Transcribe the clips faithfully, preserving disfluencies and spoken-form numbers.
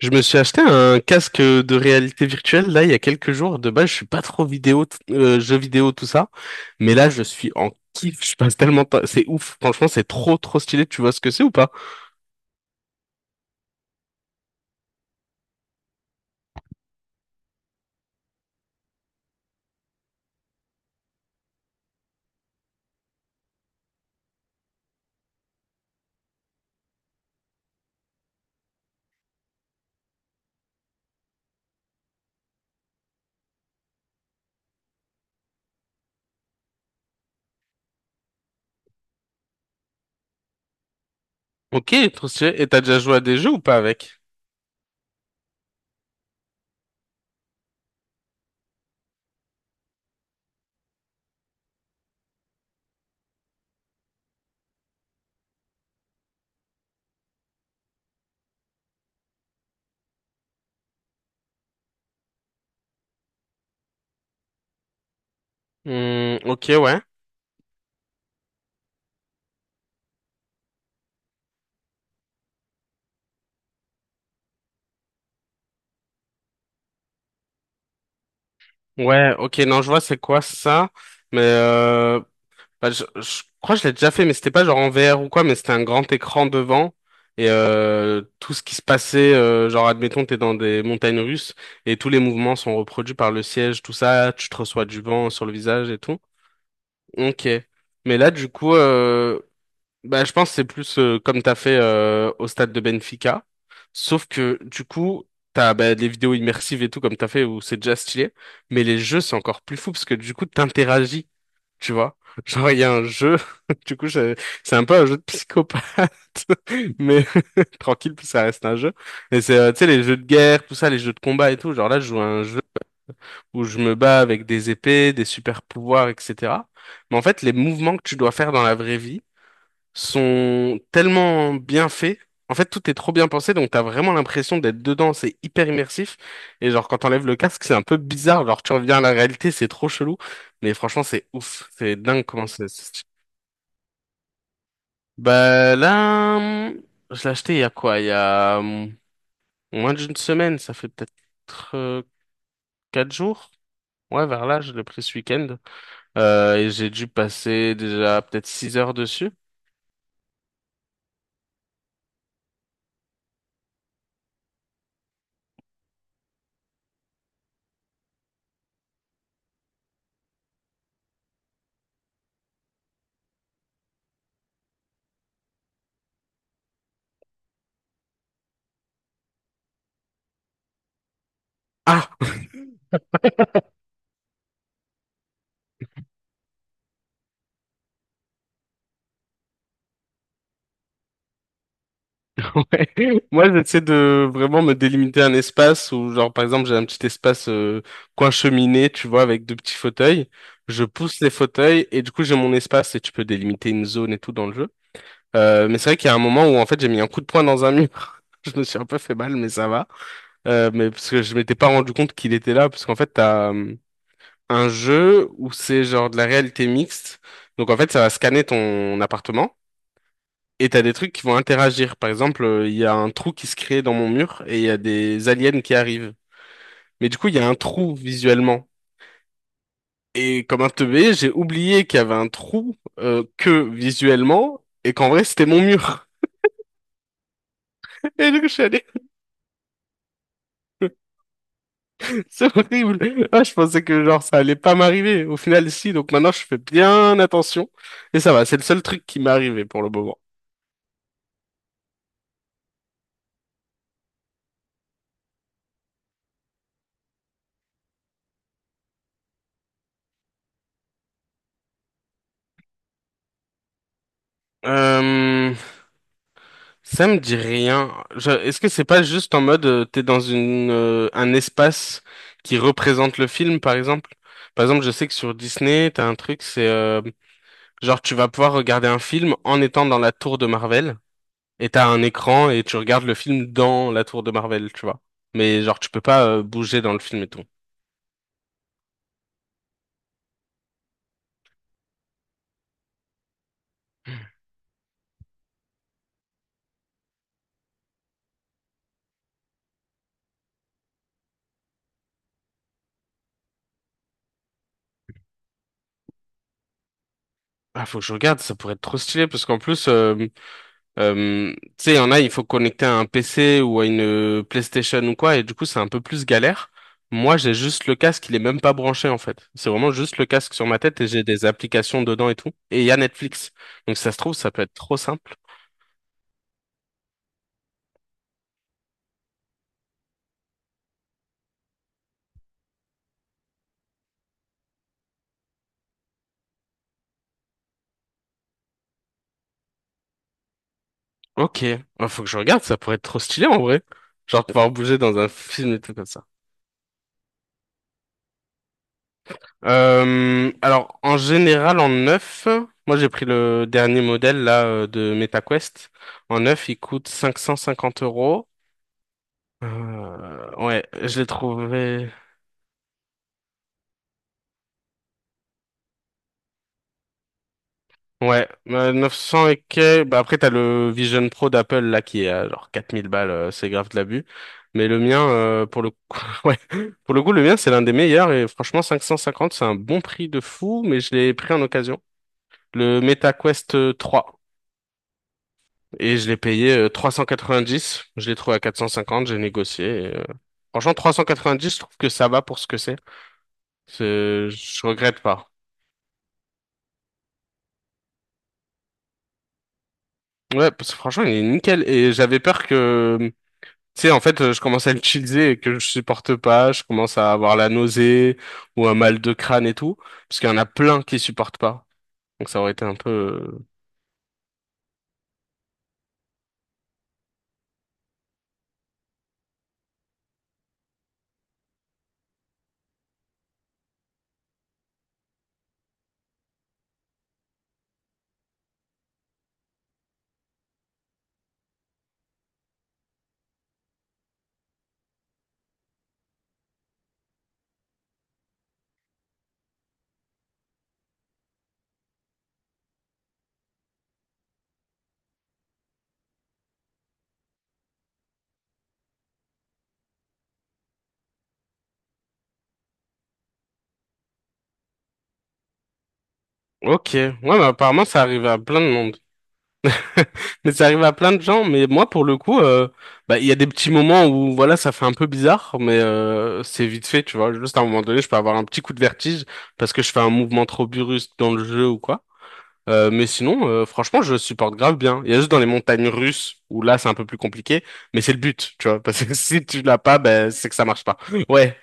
Je me suis acheté un casque de réalité virtuelle là il y a quelques jours. De base, je suis pas trop vidéo, t- euh, jeux vidéo, tout ça. Mais là, je suis en kiff. Je passe tellement de temps. C'est ouf. Franchement, c'est trop, trop stylé. Tu vois ce que c'est ou pas? Ok, trop stylé. Et t'as déjà joué à des jeux ou pas avec? Hmm, ok, ouais. Ouais, ok, non, je vois c'est quoi ça. Mais euh, bah, je, je crois que je l'ai déjà fait, mais c'était pas genre en V R ou quoi, mais c'était un grand écran devant et euh, tout ce qui se passait, euh, genre admettons t'es dans des montagnes russes et tous les mouvements sont reproduits par le siège, tout ça, tu te reçois du vent sur le visage et tout. Ok. Mais là du coup, euh, bah, je pense que c'est plus euh, comme t'as fait euh, au stade de Benfica, sauf que du coup t'as bah, des vidéos immersives et tout comme t'as fait où c'est déjà stylé, mais les jeux c'est encore plus fou parce que du coup t'interagis, tu vois. Genre il y a un jeu, du coup je- c'est un peu un jeu de psychopathe, mais tranquille puis ça reste un jeu. Et c'est euh, tu sais les jeux de guerre, tout ça, les jeux de combat et tout. Genre là je joue à un jeu où je me bats avec des épées, des super pouvoirs, et cetera. Mais en fait les mouvements que tu dois faire dans la vraie vie sont tellement bien faits. En fait, tout est trop bien pensé, donc t'as vraiment l'impression d'être dedans, c'est hyper immersif. Et genre, quand t'enlèves le casque, c'est un peu bizarre, genre tu reviens à la réalité, c'est trop chelou. Mais franchement, c'est ouf, c'est dingue comment c'est. c'est- Bah là, hum, je l'ai acheté il y a quoi? Il y a hum, moins d'une semaine, ça fait peut-être euh, quatre jours. Ouais, vers là, je l'ai pris ce week-end. Euh, et j'ai dû passer déjà peut-être six heures dessus. Ah, ouais. Moi, j'essaie de vraiment me délimiter un espace où, genre, par exemple, j'ai un petit espace euh, coin cheminée, tu vois, avec deux petits fauteuils. Je pousse les fauteuils et du coup, j'ai mon espace et tu peux délimiter une zone et tout dans le jeu. Euh, mais c'est vrai qu'il y a un moment où, en fait, j'ai mis un coup de poing dans un mur. Je me suis un peu fait mal, mais ça va. Euh, mais parce que je m'étais pas rendu compte qu'il était là, parce qu'en fait, t'as euh, un jeu où c'est genre de la réalité mixte. Donc, en fait, ça va scanner ton appartement. Et t'as des trucs qui vont interagir. Par exemple, euh, il y a un trou qui se crée dans mon mur et il y a des aliens qui arrivent. Mais du coup, il y a un trou visuellement. Et comme un teubé, j'ai oublié qu'il y avait un trou euh, que visuellement et qu'en vrai, c'était mon mur. Et du coup, je suis allé... C'est horrible. Ah, je pensais que genre ça allait pas m'arriver. Au final, si. Donc maintenant, je fais bien attention. Et ça va, c'est le seul truc qui m'est arrivé pour le moment. Euh, Ça me dit rien. Je- Est-ce que c'est pas juste en mode euh, t'es dans une euh, un espace qui représente le film, par exemple? Par exemple, je sais que sur Disney, t'as un truc, c'est euh, genre tu vas pouvoir regarder un film en étant dans la tour de Marvel et t'as un écran et tu regardes le film dans la tour de Marvel, tu vois. Mais genre tu peux pas euh, bouger dans le film et tout. Ah, faut que je regarde, ça pourrait être trop stylé parce qu'en plus euh, Euh, tu sais, il y en a, il faut connecter à un P C ou à une euh, PlayStation ou quoi, et du coup, c'est un peu plus galère. Moi, j'ai juste le casque, il est même pas branché en fait. C'est vraiment juste le casque sur ma tête et j'ai des applications dedans et tout. Et il y a Netflix. Donc, ça se trouve, ça peut être trop simple. Ok. Bah, faut que je regarde, ça pourrait être trop stylé en vrai. Genre pouvoir bouger dans un film et tout comme ça. Euh, alors en général en neuf, moi j'ai pris le dernier modèle là euh, de MetaQuest. En neuf, il coûte cinq cent cinquante euros. Euh, ouais, je l'ai trouvé. Ouais, euh, neuf cents et quelques. Bah après, t'as le Vision Pro d'Apple là qui est à genre quatre mille balles, euh, c'est grave de l'abus. Mais le mien, euh, pour le coup, ouais, pour le coup, le mien, c'est l'un des meilleurs et franchement, cinq cent cinquante, c'est un bon prix de fou, mais je l'ai pris en occasion. Le Meta Quest euh, trois et je l'ai payé euh, trois cent quatre-vingt-dix. Je l'ai trouvé à quatre cent cinquante, j'ai négocié. et, euh, Franchement, trois cent quatre-vingt-dix, je trouve que ça va pour ce que c'est. C'est- Je regrette pas. Ouais, parce que franchement, il est nickel et j'avais peur que, Tu sais, en fait, euh, je commence à l'utiliser et que je supporte pas, je commence à avoir la nausée ou un mal de crâne et tout, parce qu'il y en a plein qui supportent pas. Donc ça aurait été un peu... euh, Ok, ouais, mais apparemment ça arrive à plein de monde. Mais ça arrive à plein de gens, mais moi pour le coup, euh, bah il y a des petits moments où voilà, ça fait un peu bizarre, mais euh, c'est vite fait, tu vois. Juste à un moment donné, je peux avoir un petit coup de vertige parce que je fais un mouvement trop brusque dans le jeu ou quoi. Euh, mais sinon, euh, franchement, je supporte grave bien. Il y a juste dans les montagnes russes où là, c'est un peu plus compliqué, mais c'est le but, tu vois. Parce que si tu l'as pas, ben, c'est que ça marche pas. Ouais.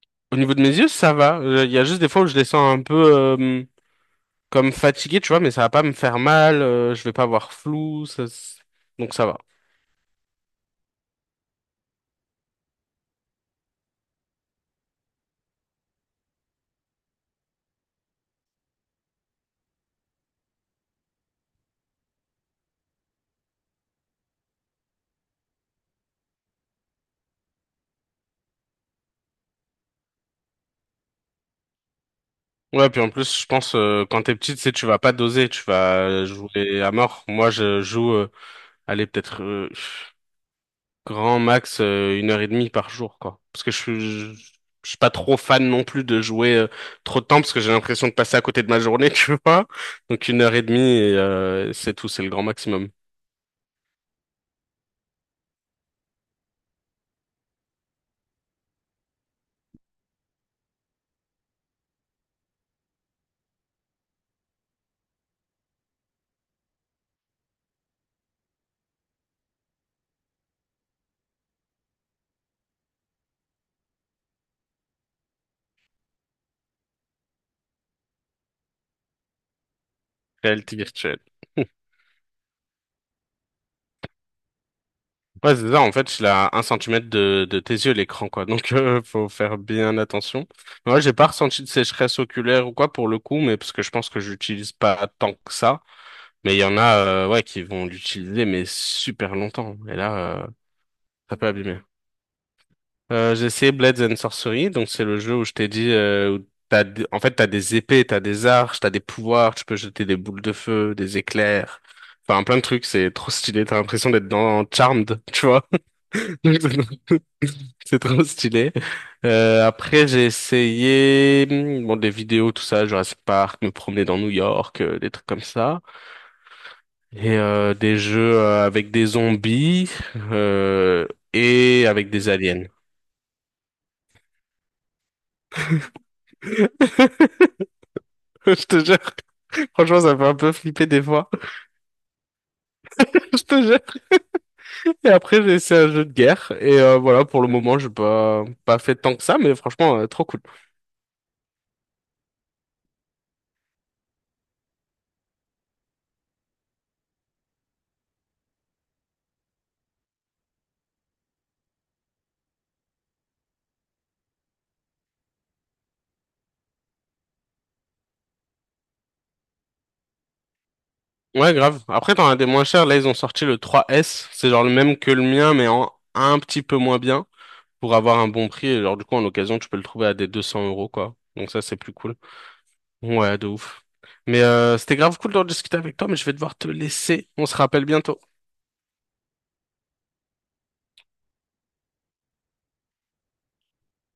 Au niveau de mes yeux, ça va. Euh, Il y a juste des fois où je les sens un peu euh, comme fatigués, tu vois, mais ça va pas me faire mal. euh, je vais pas avoir flou. ça s- Donc ça va. Ouais, puis en plus, je pense euh, quand t'es petit, tu sais, tu vas pas doser, tu vas jouer à mort. Moi, je joue. euh, allez, peut-être. euh, Grand max, euh, une heure et demie par jour, quoi. Parce que je suis, je, je suis pas trop fan non plus de jouer euh, trop de temps parce que j'ai l'impression de passer à côté de ma journée, tu vois. Donc une heure et demie, et, euh, c'est tout, c'est le grand maximum. Réalité virtuelle. Ouais, c'est ça, en fait, je suis à un centimètre de, de tes yeux, l'écran, quoi. Donc, euh, faut faire bien attention. Moi, j'ai pas ressenti de sécheresse oculaire ou quoi pour le coup, mais parce que je pense que j'utilise pas tant que ça. Mais il y en a, euh, ouais, qui vont l'utiliser, mais super longtemps. Et là, euh, ça peut abîmer. Euh, j'ai essayé Blades and Sorcery, donc c'est le jeu où je t'ai dit, euh, où t'as, des- en fait, t'as des épées, t'as des arches, t'as des pouvoirs, tu peux jeter des boules de feu, des éclairs, enfin plein de trucs, c'est trop stylé, t'as l'impression d'être dans Charmed, tu vois. Donc, c'est trop stylé. Euh, après, j'ai essayé, hmm, bon, des vidéos, tout ça, Jurassic Park, me promener dans New York, euh, des trucs comme ça, et euh, des jeux euh, avec des zombies euh, et avec des aliens. Je te jure. Franchement, ça me fait un peu flipper des fois. Je te jure. Et après, j'ai essayé un jeu de guerre. Et euh, voilà, pour le moment, j'ai pas, pas fait tant que ça, mais franchement, euh, trop cool. Ouais, grave. Après, t'en as des moins chers. Là, ils ont sorti le trois S. C'est genre le même que le mien, mais en un petit peu moins bien. Pour avoir un bon prix. Et genre, du coup, en occasion, tu peux le trouver à des deux cents euros, quoi. Donc ça, c'est plus cool. Ouais, de ouf. Mais euh, c'était grave cool d'en discuter avec toi, mais je vais devoir te laisser. On se rappelle bientôt.